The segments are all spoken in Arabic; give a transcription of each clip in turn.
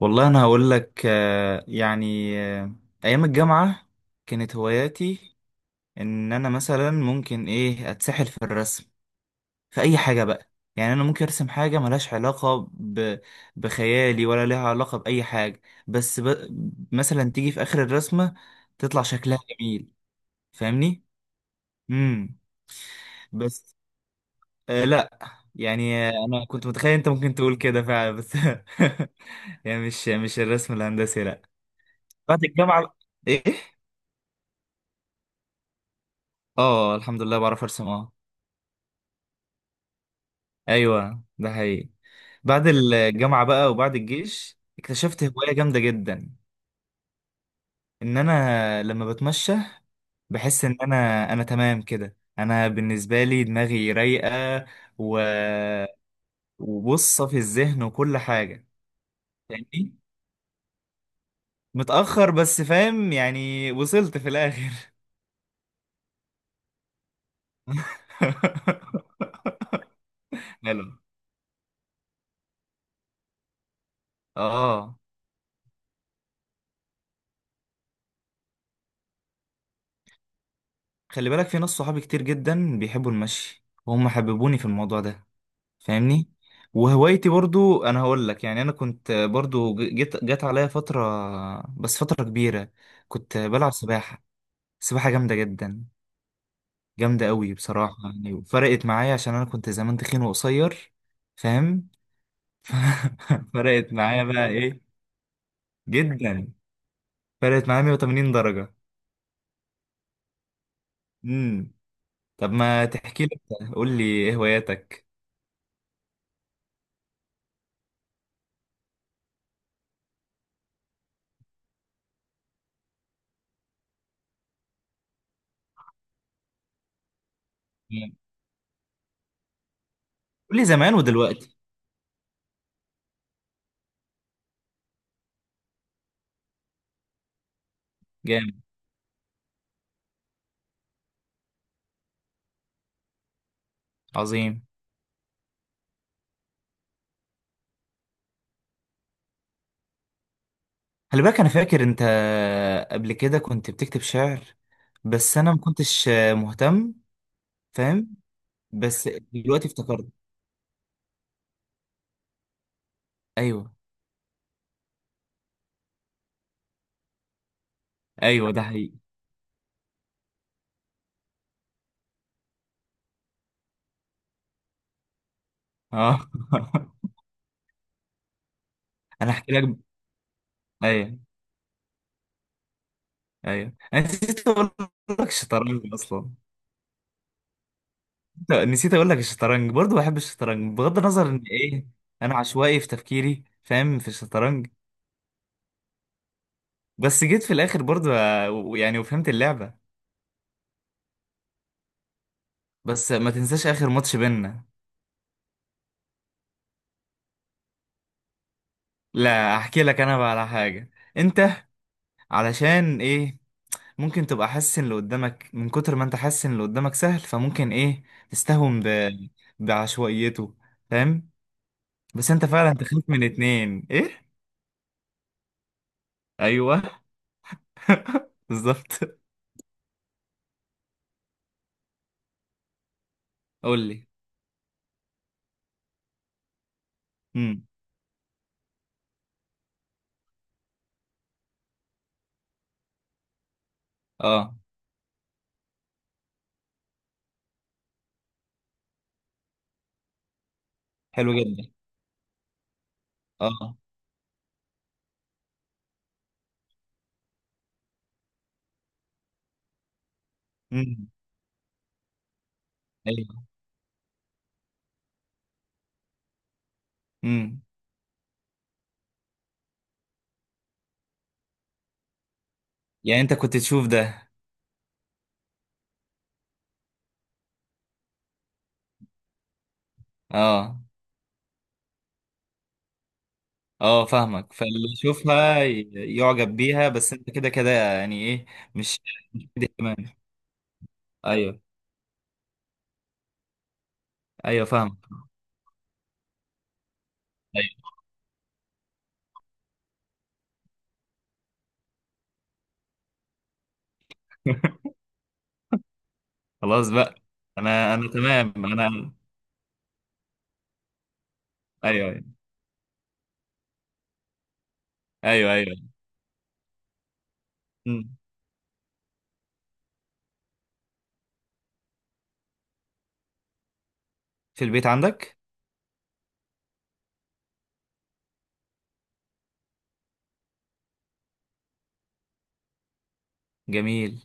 والله انا هقول لك، يعني، ايام الجامعه كانت هواياتي ان انا مثلا ممكن ايه اتسحل في الرسم في اي حاجه بقى. يعني انا ممكن ارسم حاجه ملهاش علاقه بخيالي ولا لها علاقه باي حاجه، بس مثلا تيجي في اخر الرسمه تطلع شكلها جميل، فاهمني. امم. بس لا، يعني انا كنت متخيل انت ممكن تقول كده فعلا بس يعني مش الرسم الهندسي لا. بعد الجامعة ايه؟ اه الحمد لله بعرف ارسم اه. ايوه ده حقيقي. بعد الجامعة بقى وبعد الجيش اكتشفت هواية جامدة جدا، ان انا لما بتمشى بحس ان انا تمام كده، انا بالنسبة لي دماغي رايقة و... وبصة في الذهن وكل حاجة، فاهمني. متأخر بس فاهم، يعني وصلت في الاخر. حلو، اه. خلي بالك في ناس صحابي كتير جدا بيحبوا المشي وهم حببوني في الموضوع ده، فاهمني. وهوايتي برضو انا هقول لك، يعني انا كنت برضو جت عليا فترة، بس فترة كبيرة، كنت بلعب سباحة، سباحة جامدة جدا، جامدة قوي بصراحة، يعني وفرقت معايا عشان انا كنت زمان تخين وقصير، فاهم. فرقت معايا بقى ايه، جدا، فرقت معايا 180 درجة. امم. طب ما تحكي لي، قول لي ايه هواياتك، قول لي زمان ودلوقتي. جامد. عظيم. خلي بالك انا فاكر انت قبل كده كنت بتكتب شعر، بس انا ما كنتش مهتم، فاهم، بس دلوقتي افتكرت. ايوه ايوه ده حقيقي، اه. انا هحكي لك. ايوه ايوه انا نسيت اقول لك الشطرنج اصلا، نسيت اقول لك الشطرنج برضو، بحب الشطرنج بغض النظر ان ايه، انا عشوائي في تفكيري، فاهم في الشطرنج. بس جيت في الاخر برضو يعني وفهمت اللعبة. بس ما تنساش اخر ماتش بينا. لا احكي لك انا بقى على حاجه، انت علشان ايه، ممكن تبقى حاسس ان اللي قدامك، من كتر ما انت حاسس ان اللي قدامك سهل، فممكن ايه تستهون بعشوائيته، فاهم. بس انت فعلا تخاف من اتنين ايه؟ ايوه بالظبط. قول لي. امم، اه. حلو جدا. اه. امم. ايوه. امم. يعني انت كنت تشوف ده. اه، اه فاهمك، فاللي يشوفها يعجب بيها، بس انت كده كده يعني ايه، مش كده كمان، ايوه. ايوه فاهم. ايوه. خلاص بقى. انا تمام انا. ايوه ايوه ايوه ايوه. أمم. في البيت عندك. جميل.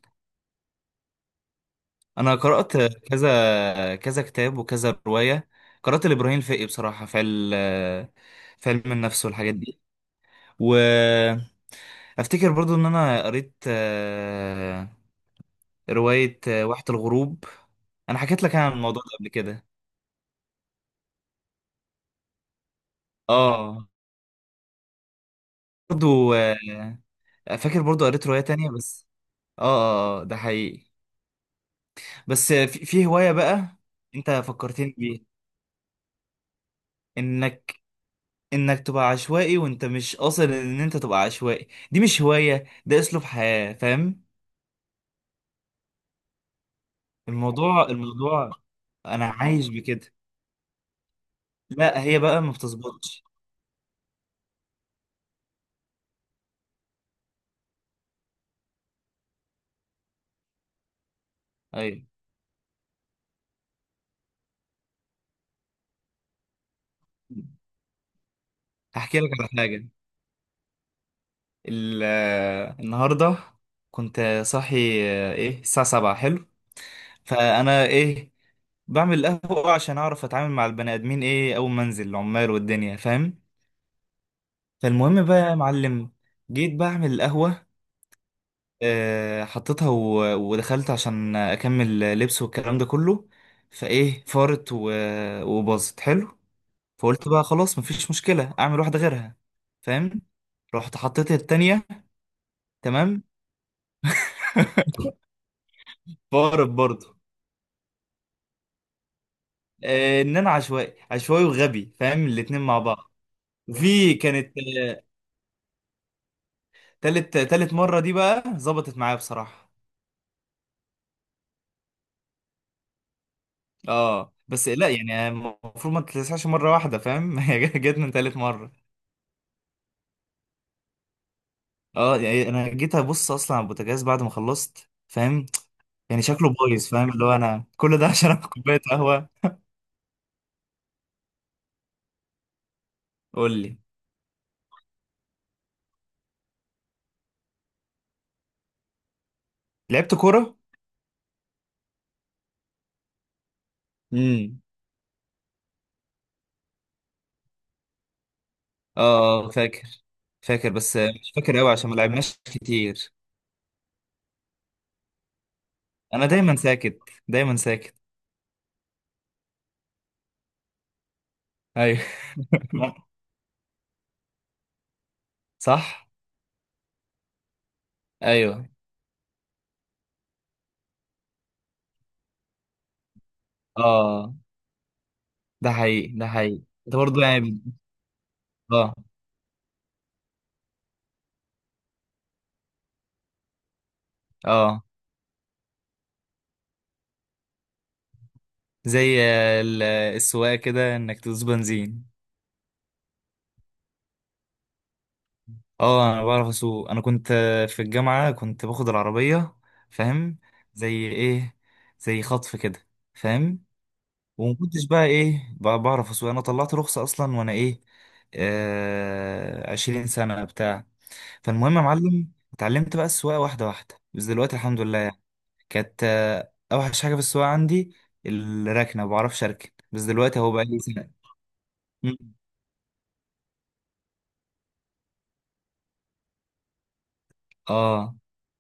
انا قرأت كذا كذا كتاب وكذا رواية، قرأت لإبراهيم الفقي بصراحة في ال في علم النفس والحاجات دي، وافتكر برضو ان انا قريت رواية واحة الغروب، انا حكيت لك عن الموضوع ده قبل كده، اه. برضو فاكر برضو قريت رواية تانية بس، اه، اه ده حقيقي. بس في هواية بقى انت فكرتني بيها، انك انك تبقى عشوائي وانت مش قاصد ان انت تبقى عشوائي، دي مش هواية، ده اسلوب حياة، فاهم. الموضوع الموضوع، انا عايش بكده. لا هي بقى ما بتظبطش. ايوه هحكي لك على حاجة. النهاردة كنت صاحي، ايه الساعة 7 حلو. فانا ايه بعمل قهوة عشان اعرف اتعامل مع البني ادمين ايه اول ما انزل العمال والدنيا، فاهم. فالمهم بقى يا معلم، جيت بعمل القهوة، حطيتها ودخلت عشان أكمل لبس والكلام ده كله، فإيه فارت وباظت، حلو. فقلت بقى خلاص مفيش مشكلة أعمل واحدة غيرها، فاهم، رحت حطيت التانية، تمام، فارت برضه. إن أنا عشوائي عشوائي وغبي، فاهم، الاتنين مع بعض. وفي كانت تالت مرة دي بقى ظبطت معايا بصراحة. اه بس لا، يعني المفروض ما تتلسعش مره واحده، فاهم. هي جت من تالت مره. اه يعني انا جيت ابص اصلا على البوتاجاز بعد ما خلصت، فاهم، يعني شكله بايظ، فاهم اللي هو انا كل ده عشان اخد كوبايه قهوه. قول لي. لعبت كوره. امم. اه فاكر، فاكر بس مش فاكر قوي عشان ما لعبناش كتير. انا دايما ساكت، دايما ساكت. ايوه. صح. ايوه، اه. ده حقيقي ده حقيقي انت برضه يعني، اه، اه. زي ال- السواقة كده انك تدوس بنزين. اه انا بعرف اسوق، انا كنت في الجامعة كنت باخد العربية، فاهم، زي ايه، زي خطف كده، فاهم. وما كنتش بقى ايه بقى بعرف اسوق، انا طلعت رخصة اصلا وانا ايه، 20 سنة بتاع. فالمهم يا معلم اتعلمت بقى السواقة واحدة واحدة، بس دلوقتي الحمد لله يعني. كانت اوحش حاجة في السواقة عندي الركنة، ما بعرفش اركن، بس دلوقتي اهو بقى لي سنة. اه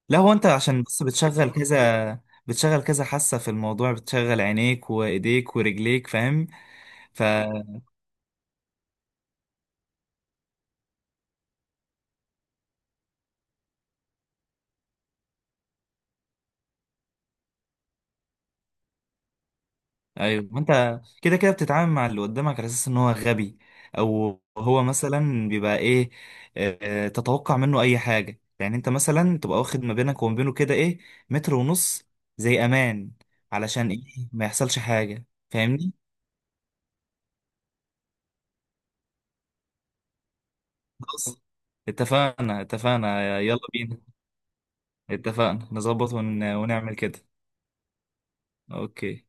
لا، هو انت عشان بس بتشغل كذا بتشغل كذا حاسة في الموضوع، بتشغل عينيك وايديك ورجليك، فاهم. ف ايوه ما انت كده كده بتتعامل مع اللي قدامك على اساس ان هو غبي، او هو مثلا بيبقى ايه، تتوقع منه اي حاجة، يعني انت مثلا تبقى واخد ما بينك وما بينه كده ايه، متر ونص، زي امان، علشان ايه ما يحصلش حاجة، فاهمني. خلاص اتفقنا اتفقنا يلا بينا، اتفقنا نظبط ونعمل كده، اوكي.